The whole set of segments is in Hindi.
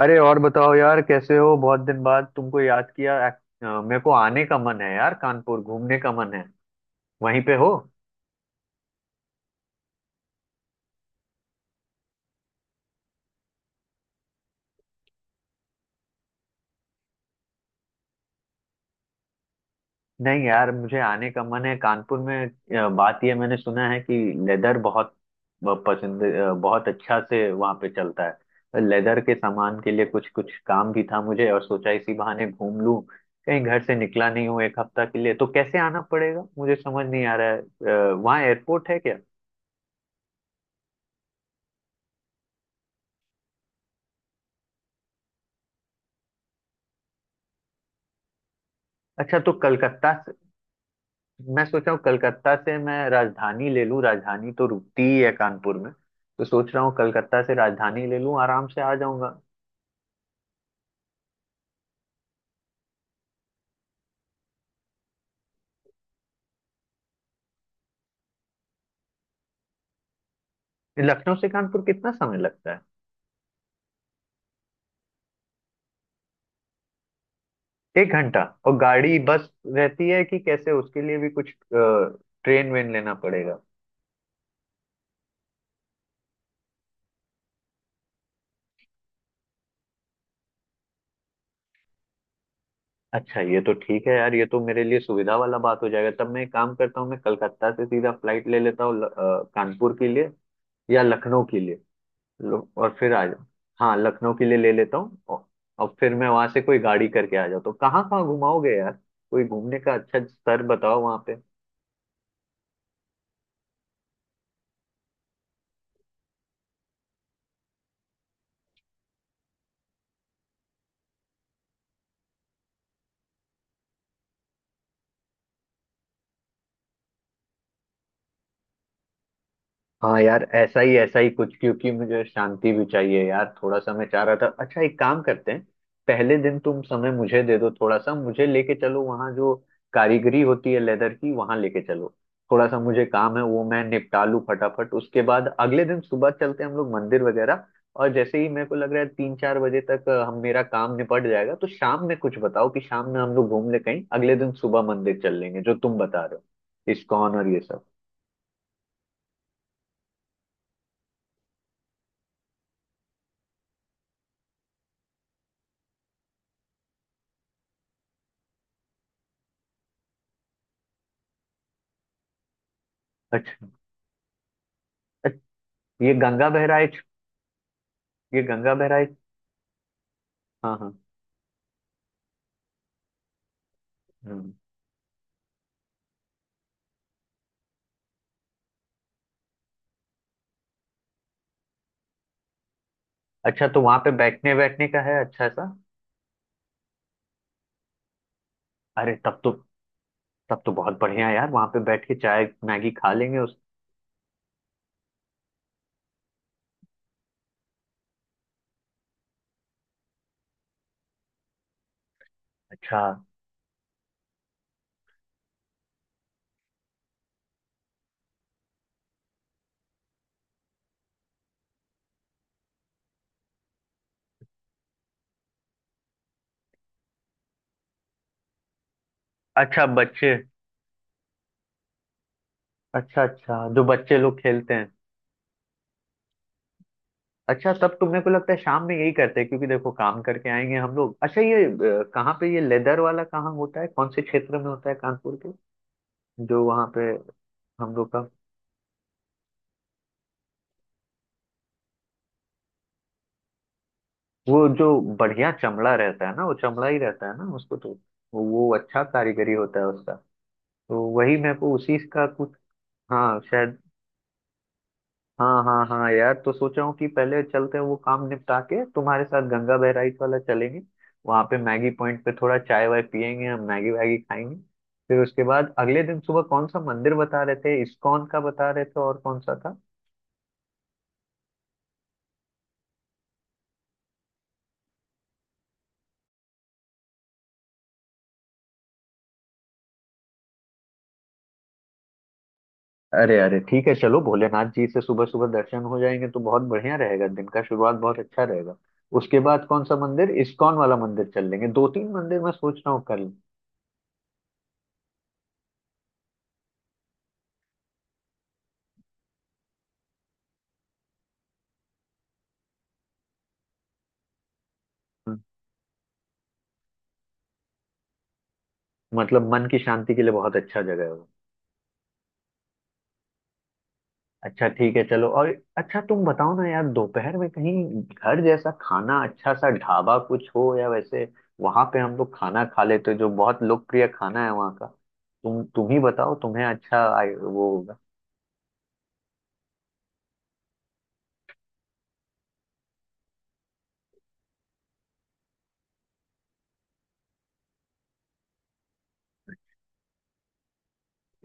अरे और बताओ यार, कैसे हो? बहुत दिन बाद तुमको याद किया। मेरे को आने का मन है यार, कानपुर घूमने का मन है। वहीं पे हो? नहीं यार, मुझे आने का मन है कानपुर में। बात यह, मैंने सुना है कि लेदर बहुत पसंद, बहुत अच्छा से वहाँ पे चलता है। तो लेदर के सामान के लिए कुछ कुछ काम भी था मुझे, और सोचा इसी बहाने घूम लूं। कहीं घर से निकला नहीं हूँ एक हफ्ता के लिए, तो कैसे आना पड़ेगा मुझे समझ नहीं आ रहा है। वहाँ एयरपोर्ट है क्या? अच्छा, तो कलकत्ता। मैं सोच रहा हूँ कलकत्ता से मैं राजधानी ले लूँ, राजधानी तो रुकती ही है कानपुर में। तो सोच रहा हूँ कलकत्ता से राजधानी ले लूँ, आराम से आ जाऊंगा। लखनऊ से कानपुर कितना समय लगता है? 1 घंटा। और गाड़ी बस रहती है कि कैसे, उसके लिए भी कुछ ट्रेन वेन लेना पड़ेगा? अच्छा, ये तो ठीक है यार, ये तो मेरे लिए सुविधा वाला बात हो जाएगा। तब मैं एक काम करता हूँ, मैं कलकत्ता से सीधा फ्लाइट ले लेता हूँ कानपुर के लिए, या लखनऊ के लिए लो, और फिर आ जाओ। हाँ, लखनऊ के लिए ले लेता हूँ और फिर मैं वहां से कोई गाड़ी करके आ जाता हूँ। कहाँ कहाँ घुमाओगे यार? कोई घूमने का अच्छा स्तर बताओ वहां पे। हाँ यार, ऐसा ही कुछ, क्योंकि मुझे शांति भी चाहिए यार, थोड़ा सा मैं चाह रहा था। अच्छा, एक काम करते हैं, पहले दिन तुम समय मुझे दे दो, थोड़ा सा मुझे लेके चलो वहाँ जो कारीगरी होती है लेदर की, वहाँ लेके चलो। थोड़ा सा मुझे काम है, वो मैं निपटा लूँ फटाफट, उसके बाद अगले दिन सुबह चलते हैं हम लोग मंदिर वगैरह। और जैसे ही मेरे को लग रहा है 3-4 बजे तक, हम, मेरा काम निपट जाएगा, तो शाम में कुछ बताओ कि शाम में हम लोग घूम ले कहीं, अगले दिन सुबह मंदिर चल लेंगे जो तुम बता रहे हो, इस्कॉन और ये सब। अच्छा। अच्छा, ये गंगा बहराइच। ये गंगा बहराई। हाँ हाँ। हम्म। अच्छा, तो वहां पे बैठने बैठने का है अच्छा सा? अरे तब तो, तब तो बहुत बढ़िया यार। वहां पे बैठ के चाय मैगी खा लेंगे उस। अच्छा। अच्छा, बच्चे। अच्छा अच्छा, जो बच्चे लोग खेलते हैं। अच्छा, तब तो मेरे को लगता है शाम में यही करते हैं, क्योंकि देखो काम करके आएंगे हम लोग। अच्छा, ये कहाँ पे ये लेदर वाला कहाँ होता है, कौन से क्षेत्र में होता है कानपुर के, जो वहाँ पे हम लोग का? वो जो बढ़िया चमड़ा रहता है ना, वो चमड़ा ही रहता है ना उसको? तो वो अच्छा कारीगरी होता है उसका, तो वही मैं को उसी का कुछ। हाँ शायद। हाँ हाँ हाँ यार, तो सोचा हूँ कि पहले चलते हैं, वो काम निपटा के तुम्हारे साथ गंगा बहराइच वाला चलेंगे। वहां पे मैगी पॉइंट पे थोड़ा चाय वाय पियेंगे हम, मैगी वैगी खाएंगे। फिर उसके बाद अगले दिन सुबह कौन सा मंदिर बता रहे थे? इस्कॉन का बता रहे थे, और कौन सा था? अरे अरे, ठीक है चलो, भोलेनाथ जी से सुबह सुबह दर्शन हो जाएंगे तो बहुत बढ़िया रहेगा, दिन का शुरुआत बहुत अच्छा रहेगा। उसके बाद कौन सा मंदिर, इस्कॉन वाला मंदिर चल लेंगे, 2-3 मंदिर मैं सोच रहा हूँ कर लें। मतलब मन की शांति के लिए बहुत अच्छा जगह है वो। अच्छा, ठीक है चलो। और अच्छा, तुम बताओ ना यार, दोपहर में कहीं घर जैसा खाना अच्छा सा ढाबा कुछ हो, या वैसे वहां पे हम लोग खाना खा लेते हैं, जो बहुत लोकप्रिय खाना है वहाँ का। तुम ही बताओ, तुम्हें अच्छा वो होगा।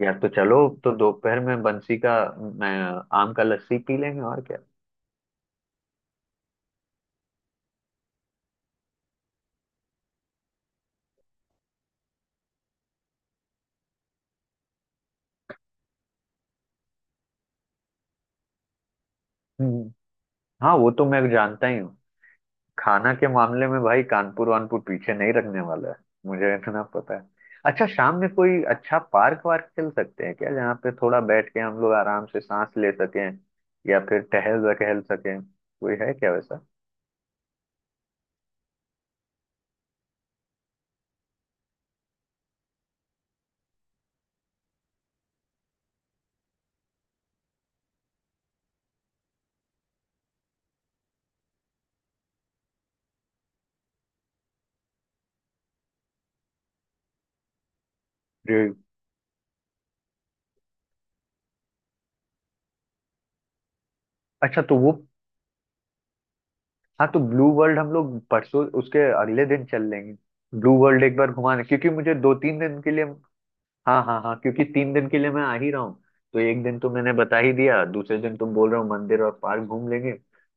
यार तो चलो, तो दोपहर में बंसी का, मैं आम का लस्सी पी लेंगे, और क्या? हम्म। हाँ, वो तो मैं जानता ही हूँ। खाना के मामले में भाई कानपुर वानपुर पीछे नहीं रखने वाला है, मुझे इतना पता है। अच्छा, शाम में कोई अच्छा पार्क वार्क चल सकते हैं क्या, जहाँ पे थोड़ा बैठ के हम लोग आराम से सांस ले सकें, या फिर टहल वहल सकें? कोई है क्या वैसा? जी। अच्छा, तो वो, हाँ, तो ब्लू वर्ल्ड हम लोग परसों उसके अगले दिन चल लेंगे, ब्लू वर्ल्ड एक बार घुमाने, क्योंकि मुझे 2-3 दिन के लिए। हाँ हाँ हाँ, क्योंकि 3 दिन के लिए मैं आ ही रहा हूँ। तो एक दिन तो मैंने बता ही दिया, दूसरे दिन तुम बोल रहे हो मंदिर और पार्क घूम लेंगे,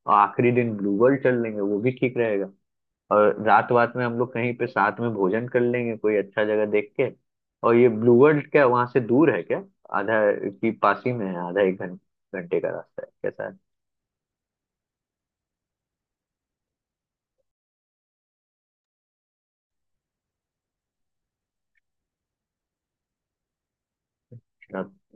और आखिरी दिन ब्लू वर्ल्ड चल लेंगे, वो भी ठीक रहेगा। और रात वात में हम लोग कहीं पे साथ में भोजन कर लेंगे कोई अच्छा जगह देख के। और ये ब्लू वर्ल्ड क्या वहां से दूर है क्या? आधा की पास ही में है, आधा एक घंटे का रास्ता है, कैसा है? ना-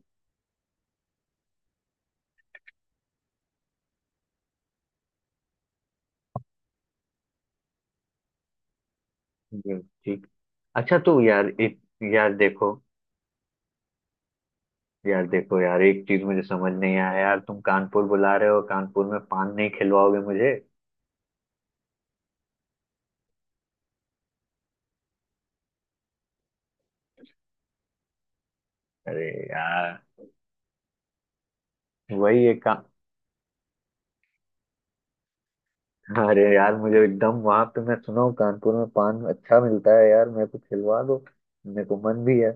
जी। ठीक। अच्छा, तो यार एक, यार देखो, यार देखो यार, एक चीज मुझे समझ नहीं आया यार, तुम कानपुर बुला रहे हो, कानपुर में पान नहीं खिलवाओगे मुझे? अरे यार, वही एक काम। अरे यार, मुझे एकदम वहां पे, मैं सुना हूँ कानपुर में पान अच्छा मिलता है यार, मेरे को खिलवा दो, मेरे को मन भी है।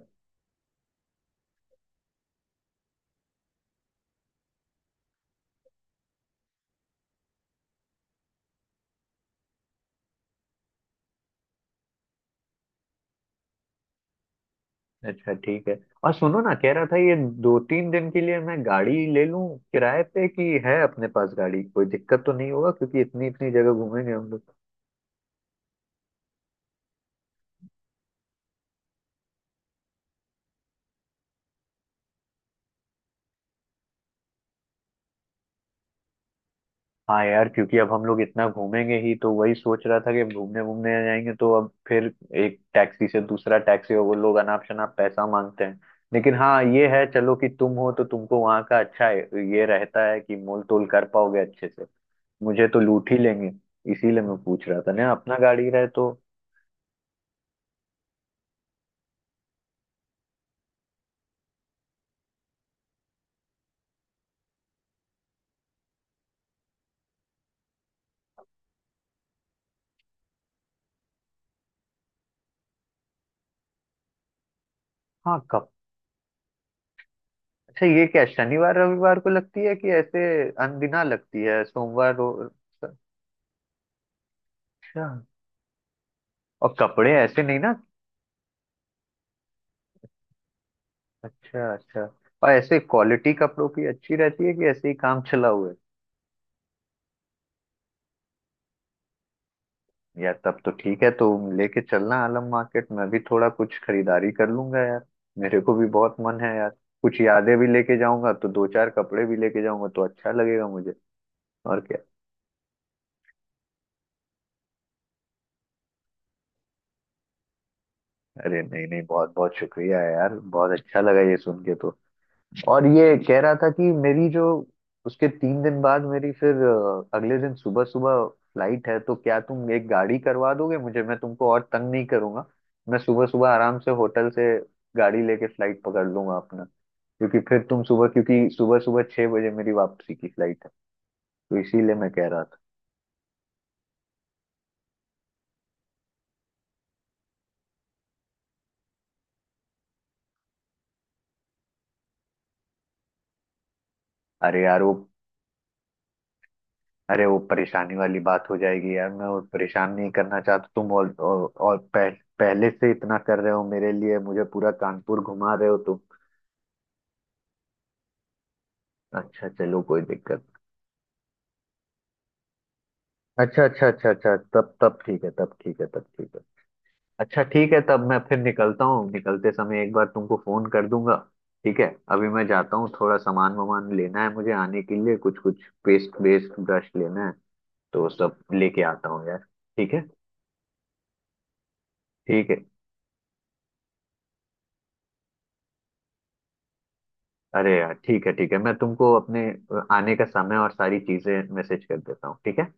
अच्छा, ठीक है। और सुनो ना, कह रहा था ये, 2-3 दिन के लिए मैं गाड़ी ले लूं किराए पे, कि है अपने पास गाड़ी? कोई दिक्कत तो नहीं होगा, क्योंकि इतनी इतनी जगह घूमेंगे हम लोग। हाँ यार, क्योंकि अब हम लोग इतना घूमेंगे ही, तो वही सोच रहा था कि घूमने घूमने जाएंगे, तो अब फिर एक टैक्सी से दूसरा टैक्सी, और वो लोग अनाप शनाप पैसा मांगते हैं। लेकिन हाँ ये है चलो, कि तुम हो तो तुमको वहाँ का अच्छा है, ये रहता है कि मोल तोल कर पाओगे अच्छे से, मुझे तो लूट ही लेंगे, इसीलिए मैं पूछ रहा था ना अपना गाड़ी रहे तो। हाँ कब। अच्छा, ये क्या शनिवार रविवार को लगती है, कि ऐसे अनदिना लगती है? सोमवार अच्छा। और कपड़े ऐसे नहीं ना? अच्छा अच्छा। और ऐसे क्वालिटी कपड़ों की अच्छी रहती है, कि ऐसे ही काम चला हुआ है? यार तब तो ठीक है तो, लेके चलना आलम मार्केट, मैं भी थोड़ा कुछ खरीदारी कर लूंगा यार, मेरे को भी बहुत मन है यार। कुछ यादें भी लेके जाऊंगा, तो 2-4 कपड़े भी लेके जाऊंगा, तो अच्छा लगेगा मुझे। और क्या? अरे नहीं नहीं, बहुत बहुत शुक्रिया यार, बहुत अच्छा लगा ये सुन के तो। और ये कह रहा था, कि मेरी जो, उसके 3 दिन बाद मेरी फिर, अगले दिन सुबह सुबह फ्लाइट है, तो क्या तुम एक गाड़ी करवा दोगे मुझे? मैं तुमको और तंग नहीं करूंगा, मैं सुबह सुबह आराम से होटल से गाड़ी लेके फ्लाइट पकड़ लूंगा अपना, क्योंकि फिर तुम सुबह, क्योंकि सुबह सुबह 6 बजे मेरी वापसी की फ्लाइट है, तो इसीलिए मैं कह रहा था। अरे यार वो, अरे वो परेशानी वाली बात हो जाएगी यार, मैं और परेशान नहीं करना चाहता तुम, और पहले से इतना कर रहे हो मेरे लिए, मुझे पूरा कानपुर घुमा रहे हो तुम। अच्छा, चलो, कोई दिक्कत। अच्छा अच्छा अच्छा अच्छा, तब तब ठीक है, तब ठीक है, तब ठीक है। अच्छा, ठीक है, तब मैं फिर निकलता हूँ, निकलते समय एक बार तुमको फोन कर दूंगा, ठीक है। अभी मैं जाता हूँ, थोड़ा सामान वामान लेना है मुझे आने के लिए, कुछ कुछ पेस्ट वेस्ट ब्रश लेना है, तो सब लेके आता हूँ यार। ठीक है। ठीक है। अरे यार ठीक है, ठीक है, मैं तुमको अपने आने का समय और सारी चीजें मैसेज कर देता हूँ, ठीक है।